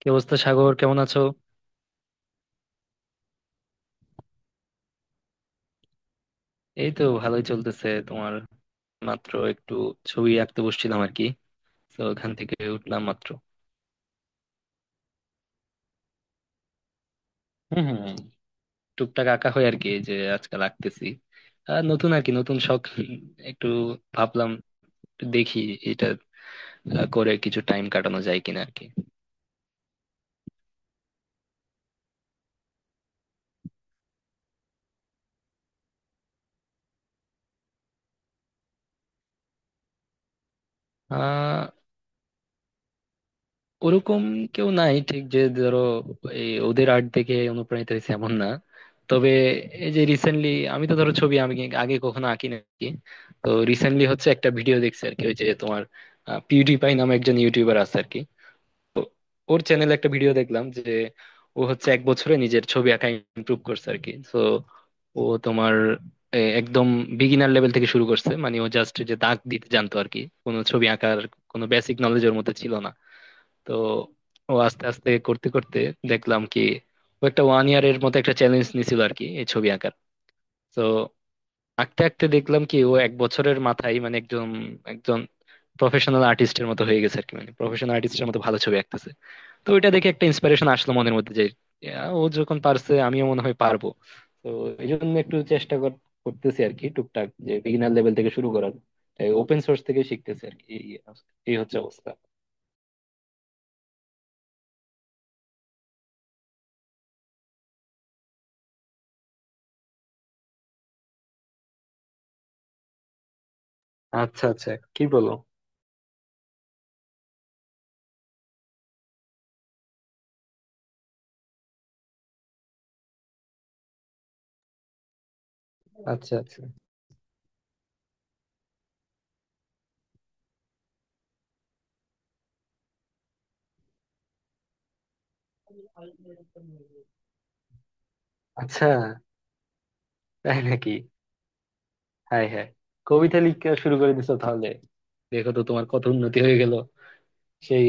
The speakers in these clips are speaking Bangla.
কি অবস্থা, সাগর? কেমন আছো? এই তো ভালোই চলতেছে। তোমার? মাত্র একটু ছবি আঁকতে বসছিলাম আর কি। তো ওখান থেকে উঠলাম মাত্র। হম হম। টুকটাক আঁকা হয় আর কি, এই যে আজকাল আঁকতেছি। আর নতুন, আর কি, নতুন শখ। একটু ভাবলাম, একটু দেখি এটা করে কিছু টাইম কাটানো যায় কিনা আর কি। আহ ওরকম কেউ নাই, ঠিক যে ধরো এই ওদের আর্ট দেখে অনুপ্রাণিত হয়েছে এমন না। তবে এই যে রিসেন্টলি, আমি তো ধরো ছবি আমি আগে কখনো আঁকি না আরকি। তো রিসেন্টলি হচ্ছে একটা ভিডিও দেখছি আর কি, ওই যে তোমার পিউডিপাই নামে একজন ইউটিউবার আছে আর কি। তো ওর চ্যানেলে একটা ভিডিও দেখলাম যে ও হচ্ছে এক বছরে নিজের ছবি আঁকা ইমপ্রুভ করছে আর কি। তো ও তোমার একদম বিগিনার লেভেল থেকে শুরু করছে। মানে ও জাস্ট যে দাগ দিতে জানতো আর কি, কোনো ছবি আঁকার কোনো বেসিক নলেজ ওর মধ্যে ছিল না। তো ও আস্তে আস্তে করতে করতে দেখলাম কি ও একটা ওয়ান ইয়ারের মতো একটা চ্যালেঞ্জ নিছিল আর কি, এই ছবি আঁকার। তো আঁকতে আঁকতে দেখলাম কি ও এক বছরের মাথায় মানে একজন একজন প্রফেশনাল আর্টিস্টের মতো হয়ে গেছে আর কি। মানে প্রফেশনাল আর্টিস্টের মতো ভালো ছবি আঁকতেছে। তো ওইটা দেখে একটা ইন্সপিরেশন আসলো মনের মধ্যে যে ও যখন পারছে আমিও মনে হয় পারবো। তো এই জন্য একটু করতেছি আর কি টুকটাক, যে বিগিনার লেভেল থেকে শুরু করার। ওপেন সোর্স থেকে শিখতেছি আর কি। এই এই হচ্ছে অবস্থা। আচ্ছা আচ্ছা। কি বলো? আচ্ছা আচ্ছা। আচ্ছা। তাই নাকি? High high. কবিতা লিখতে শুরু করে দিছো তাহলে? দেখো তো তোমার কত উন্নতি হয়ে গেল। সেই।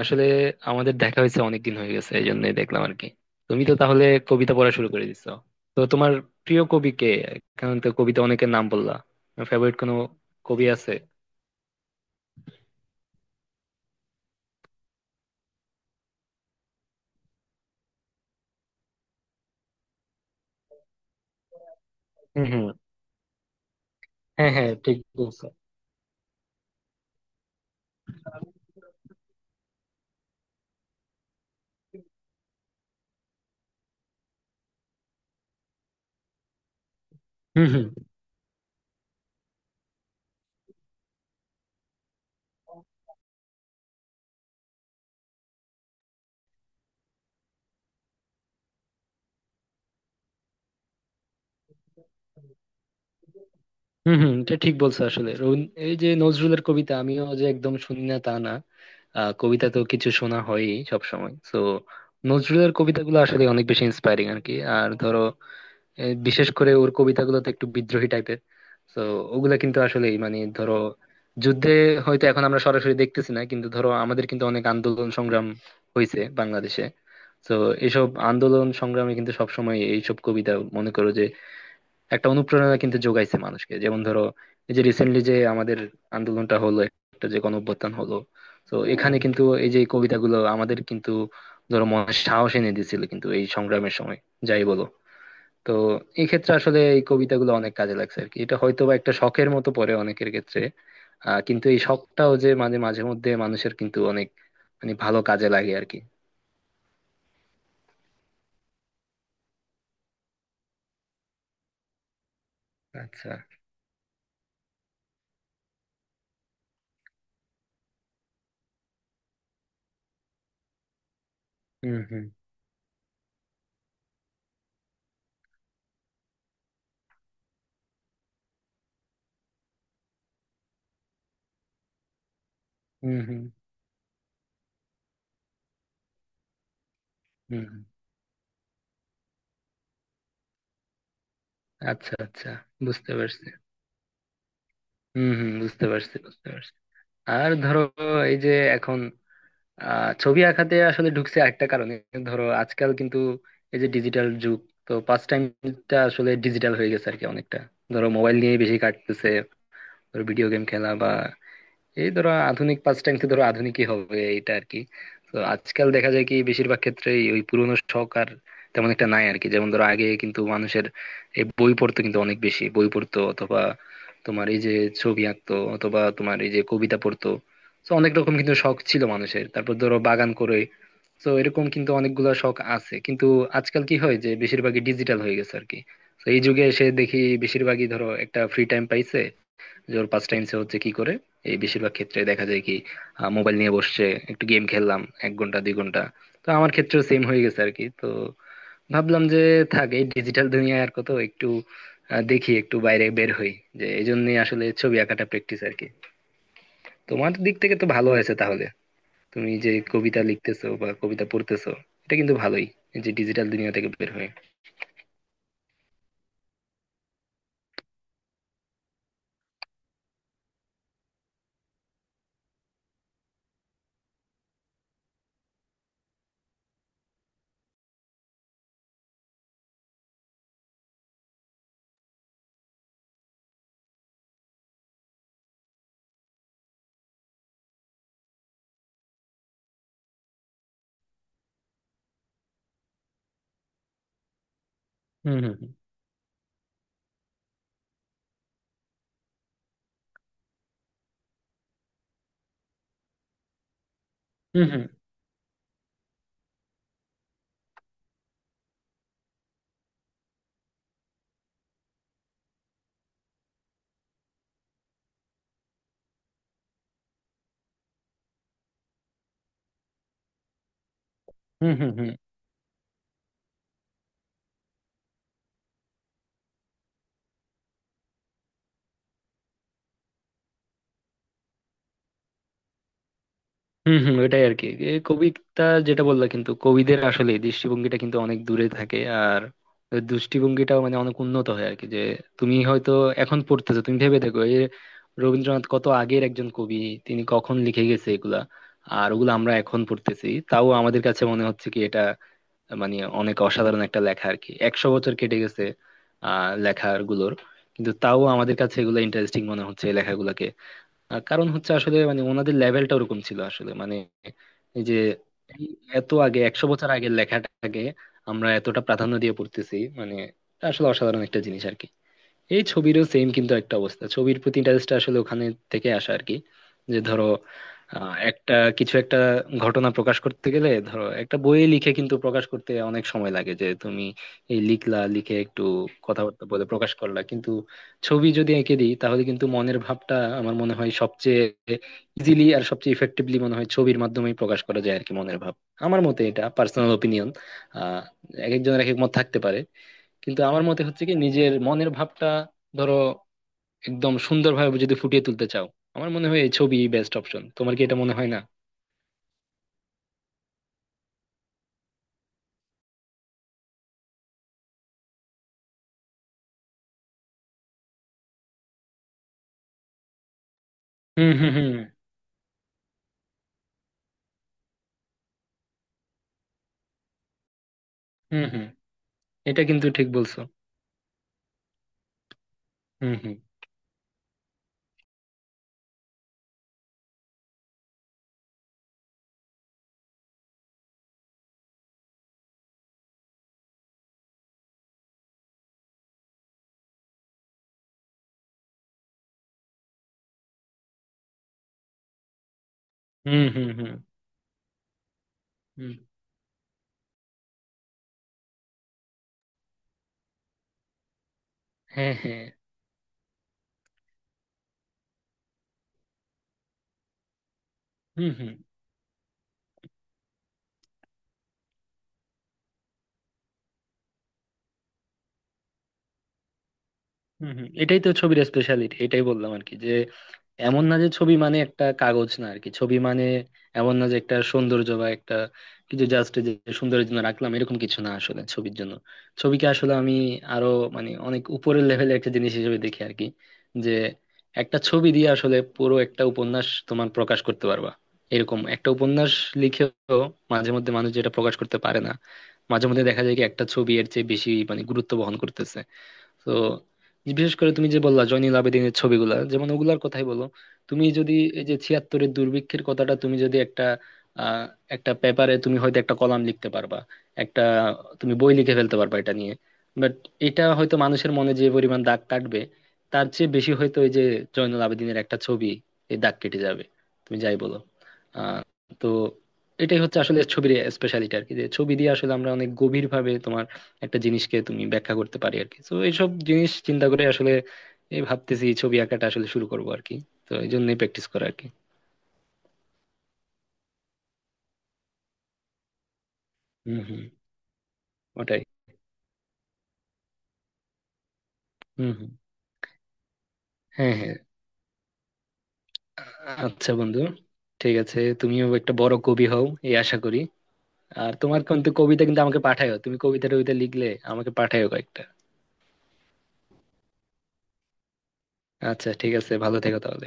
আসলে আমাদের দেখা হয়েছে অনেকদিন হয়ে গেছে, এই জন্যই দেখলাম আর কি। তুমি তো তাহলে কবিতা পড়া শুরু করে দিছো। তো তোমার প্রিয় কবি কে? কারণ তো কবিতা অনেকের নাম বললা, ফেভারিট কোনো কবি আছে? হুম হুম। হ্যাঁ হ্যাঁ, ঠিক বলছো। হুম হুম। হম হম, এটা ঠিক বলছো। আসলে এই যে নজরুলের কবিতা আমিও যে একদম শুনি না তা না। কবিতা তো কিছু শোনা হয়ই সব সময় তো। নজরুলের কবিতাগুলো আসলে অনেক বেশি ইন্সপায়ারিং আর কি। আর ধরো বিশেষ করে ওর কবিতাগুলো তো একটু বিদ্রোহী টাইপের। তো ওগুলা কিন্তু আসলেই মানে ধরো, যুদ্ধে হয়তো এখন আমরা সরাসরি দেখতেছি না, কিন্তু ধরো আমাদের কিন্তু অনেক আন্দোলন সংগ্রাম হয়েছে বাংলাদেশে। তো এইসব আন্দোলন সংগ্রামে কিন্তু সবসময় এইসব কবিতা, মনে করো, একটা অনুপ্রেরণা কিন্তু যোগাইছে মানুষকে। যেমন ধরো এই যে রিসেন্টলি যে আমাদের আন্দোলনটা হলো, একটা যে গণ অভ্যুত্থান হলো, তো এখানে কিন্তু এই যে কবিতাগুলো আমাদের কিন্তু ধরো মনে সাহস এনে দিয়েছিল কিন্তু এই সংগ্রামের সময়, যাই বলো। তো এই ক্ষেত্রে আসলে এই কবিতাগুলো অনেক কাজে লাগছে আর কি। এটা হয়তো বা একটা শখের মতো পড়ে অনেকের ক্ষেত্রে, কিন্তু এই শখটাও যে মানে মাঝে মধ্যে মানুষের কিন্তু অনেক মানে ভালো কাজে লাগে আর কি। আচ্ছা। হুম হুম। হুম হুম। হুম হুম। আচ্ছা আচ্ছা, বুঝতে পারছি। হম হম, বুঝতে পারছি বুঝতে পারছি। আর ধরো এই যে এখন ছবি আঁকাতে আসলে ঢুকছে আরেকটা কারণে। ধরো আজকাল কিন্তু এই যে ডিজিটাল যুগ, তো পাস টাইমটা আসলে ডিজিটাল হয়ে গেছে আর কি অনেকটা। ধরো মোবাইল নিয়ে বেশি কাটতেছে, ধরো ভিডিও গেম খেলা বা এই, ধরো আধুনিক পাঁচ টাইমতে, ধরো আধুনিকই হবে এটা আর কি। তো আজকাল দেখা যায় কি বেশিরভাগ ক্ষেত্রে ওই পুরোনো শখ আর তেমন একটা নাই আর কি। যেমন ধরো আগে কিন্তু মানুষের এই বই পড়তো, কিন্তু অনেক বেশি বই পড়তো, অথবা তোমার এই যে ছবি আঁকতো, অথবা তোমার এই যে কবিতা পড়তো। তো অনেক রকম কিন্তু শখ ছিল মানুষের, তারপর ধরো বাগান করে, তো এরকম কিন্তু অনেকগুলা শখ আছে কিন্তু। আজকাল কি হয় যে বেশিরভাগই ডিজিটাল হয়ে গেছে আর কি। তো এই যুগে এসে দেখি বেশিরভাগই ধরো একটা ফ্রি টাইম পাইছে, যে ওর পাস টাইম সে হচ্ছে কি করে, এই বেশিরভাগ ক্ষেত্রে দেখা যায় কি মোবাইল নিয়ে বসছে। একটু গেম খেললাম এক ঘন্টা 2 ঘন্টা। তো আমার ক্ষেত্রেও সেম হয়ে গেছে আর কি। তো ভাবলাম যে থাক, এই ডিজিটাল দুনিয়ায় আর কত, একটু দেখি একটু বাইরে বের হই, যে এই জন্যই আসলে ছবি আঁকাটা প্র্যাকটিস আর কি। তোমার দিক থেকে তো ভালো হয়েছে তাহলে, তুমি যে কবিতা লিখতেছো বা কবিতা পড়তেছো, এটা কিন্তু ভালোই, এই যে ডিজিটাল দুনিয়া থেকে বের হয়ে। হুম হুম। হুম হুম। হুম হুম। হুম হুম। হম হম, ওটাই আর কি। এ কবিতা যেটা বললা কিন্তু, কবিদের আসলে দৃষ্টিভঙ্গিটা কিন্তু অনেক দূরে থাকে, আর দৃষ্টিভঙ্গিটাও মানে অনেক উন্নত হয় আর কি। যে তুমি হয়তো এখন পড়তেছো, তুমি ভেবে দেখো, এ রবীন্দ্রনাথ কত আগের একজন কবি, তিনি কখন লিখে গেছে এগুলা, আর ওগুলো আমরা এখন পড়তেছি। তাও আমাদের কাছে মনে হচ্ছে কি এটা মানে অনেক অসাধারণ একটা লেখা আর কি, 100 বছর কেটে গেছে লেখার গুলোর। কিন্তু তাও আমাদের কাছে এগুলো ইন্টারেস্টিং মনে হচ্ছে এই লেখাগুলোকে। কারণ হচ্ছে আসলে মানে ওনাদের লেভেলটা ওরকম ছিল আসলে মানে। এই যে এই এত আগে একশো বছর আগের লেখাটাকে আমরা এতটা প্রাধান্য দিয়ে পড়তেছি, মানে এটা আসলে অসাধারণ একটা জিনিস আর কি। এই ছবিরও সেম কিন্তু একটা অবস্থা। ছবির প্রতি ইন্টারেস্টটা আসলে ওখানে থেকে আসা আর কি, যে ধরো একটা কিছু একটা ঘটনা প্রকাশ করতে গেলে ধরো একটা বইয়ে লিখে কিন্তু প্রকাশ করতে অনেক সময় লাগে। যে তুমি এই লিখলা, লিখে একটু কথাবার্তা বলে প্রকাশ করলা, কিন্তু ছবি যদি এঁকে দিই তাহলে কিন্তু মনের ভাবটা আমার মনে হয় সবচেয়ে ইজিলি আর সবচেয়ে ইফেক্টিভলি মনে হয় ছবির মাধ্যমেই প্রকাশ করা যায় আর কি, মনের ভাব। আমার মতে এটা পার্সোনাল ওপিনিয়ন। আহ এক একজনের এক এক মত থাকতে পারে, কিন্তু আমার মতে হচ্ছে কি নিজের মনের ভাবটা ধরো একদম সুন্দরভাবে যদি ফুটিয়ে তুলতে চাও, আমার মনে হয় এই ছবি বেস্ট অপশন। তোমার কি এটা মনে হয় না? হুম হুম। হুম হুম হুম, এটা কিন্তু ঠিক বলছো। হুম হুম। হুম হুম। হুম হুম। হ্যাঁ হ্যাঁ। হুম হুম। হম হম, এটাই তো ছবির স্পেশালিটি, এটাই বললাম আর কি। যে এমন না যে ছবি মানে একটা কাগজ না আর কি। ছবি মানে, এমন না যে একটা সৌন্দর্য বা একটা কিছু জাস্ট যে সৌন্দর্যের জন্য রাখলাম এরকম কিছু না আসলে ছবির জন্য। ছবিকে আসলে আমি আরো মানে অনেক উপরের লেভেলের একটা জিনিস হিসেবে দেখি আর কি, যে একটা ছবি দিয়ে আসলে পুরো একটা উপন্যাস তোমার প্রকাশ করতে পারবা। এরকম একটা উপন্যাস লিখেও মাঝে মধ্যে মানুষ যেটা প্রকাশ করতে পারে না, মাঝে মধ্যে দেখা যায় কি একটা ছবি এর চেয়ে বেশি মানে গুরুত্ব বহন করতেছে। তো বিশেষ করে তুমি যে বললা জয়নুল আবেদিনের ছবিগুলা, যেমন ওগুলার কথাই বলো। তুমি যদি এই যে ছিয়াত্তরের দুর্ভিক্ষের কথাটা, তুমি যদি একটা আহ একটা পেপারে তুমি হয়তো একটা কলাম লিখতে পারবা, একটা, তুমি বই লিখে ফেলতে পারবা এটা নিয়ে। বাট এটা হয়তো মানুষের মনে যে পরিমাণ দাগ কাটবে, তার চেয়ে বেশি হয়তো ওই যে জয়নুল আবেদিনের একটা ছবি এই দাগ কেটে যাবে, তুমি যাই বলো। আহ তো এটাই হচ্ছে আসলে ছবির স্পেশালিটি আর কি, যে ছবি দিয়ে আসলে আমরা অনেক গভীর ভাবে তোমার একটা জিনিসকে তুমি ব্যাখ্যা করতে পারি আর কি। তো এইসব জিনিস চিন্তা করে আসলে এই ভাবতেছি ছবি আঁকাটা আসলে শুরু করবো আর কি। তো এই জন্যই প্র্যাকটিস করা আর কি। হম হম, ওটাই। হম হম। হ্যাঁ হ্যাঁ। আচ্ছা বন্ধু, ঠিক আছে। তুমিও একটা বড় কবি হও, এই আশা করি। আর তোমার কিন্তু কবিতা কিন্তু আমাকে পাঠায়ো, তুমি কবিতা টবিতা লিখলে আমাকে পাঠায়ো কয়েকটা। আচ্ছা ঠিক আছে, ভালো থেকো তাহলে।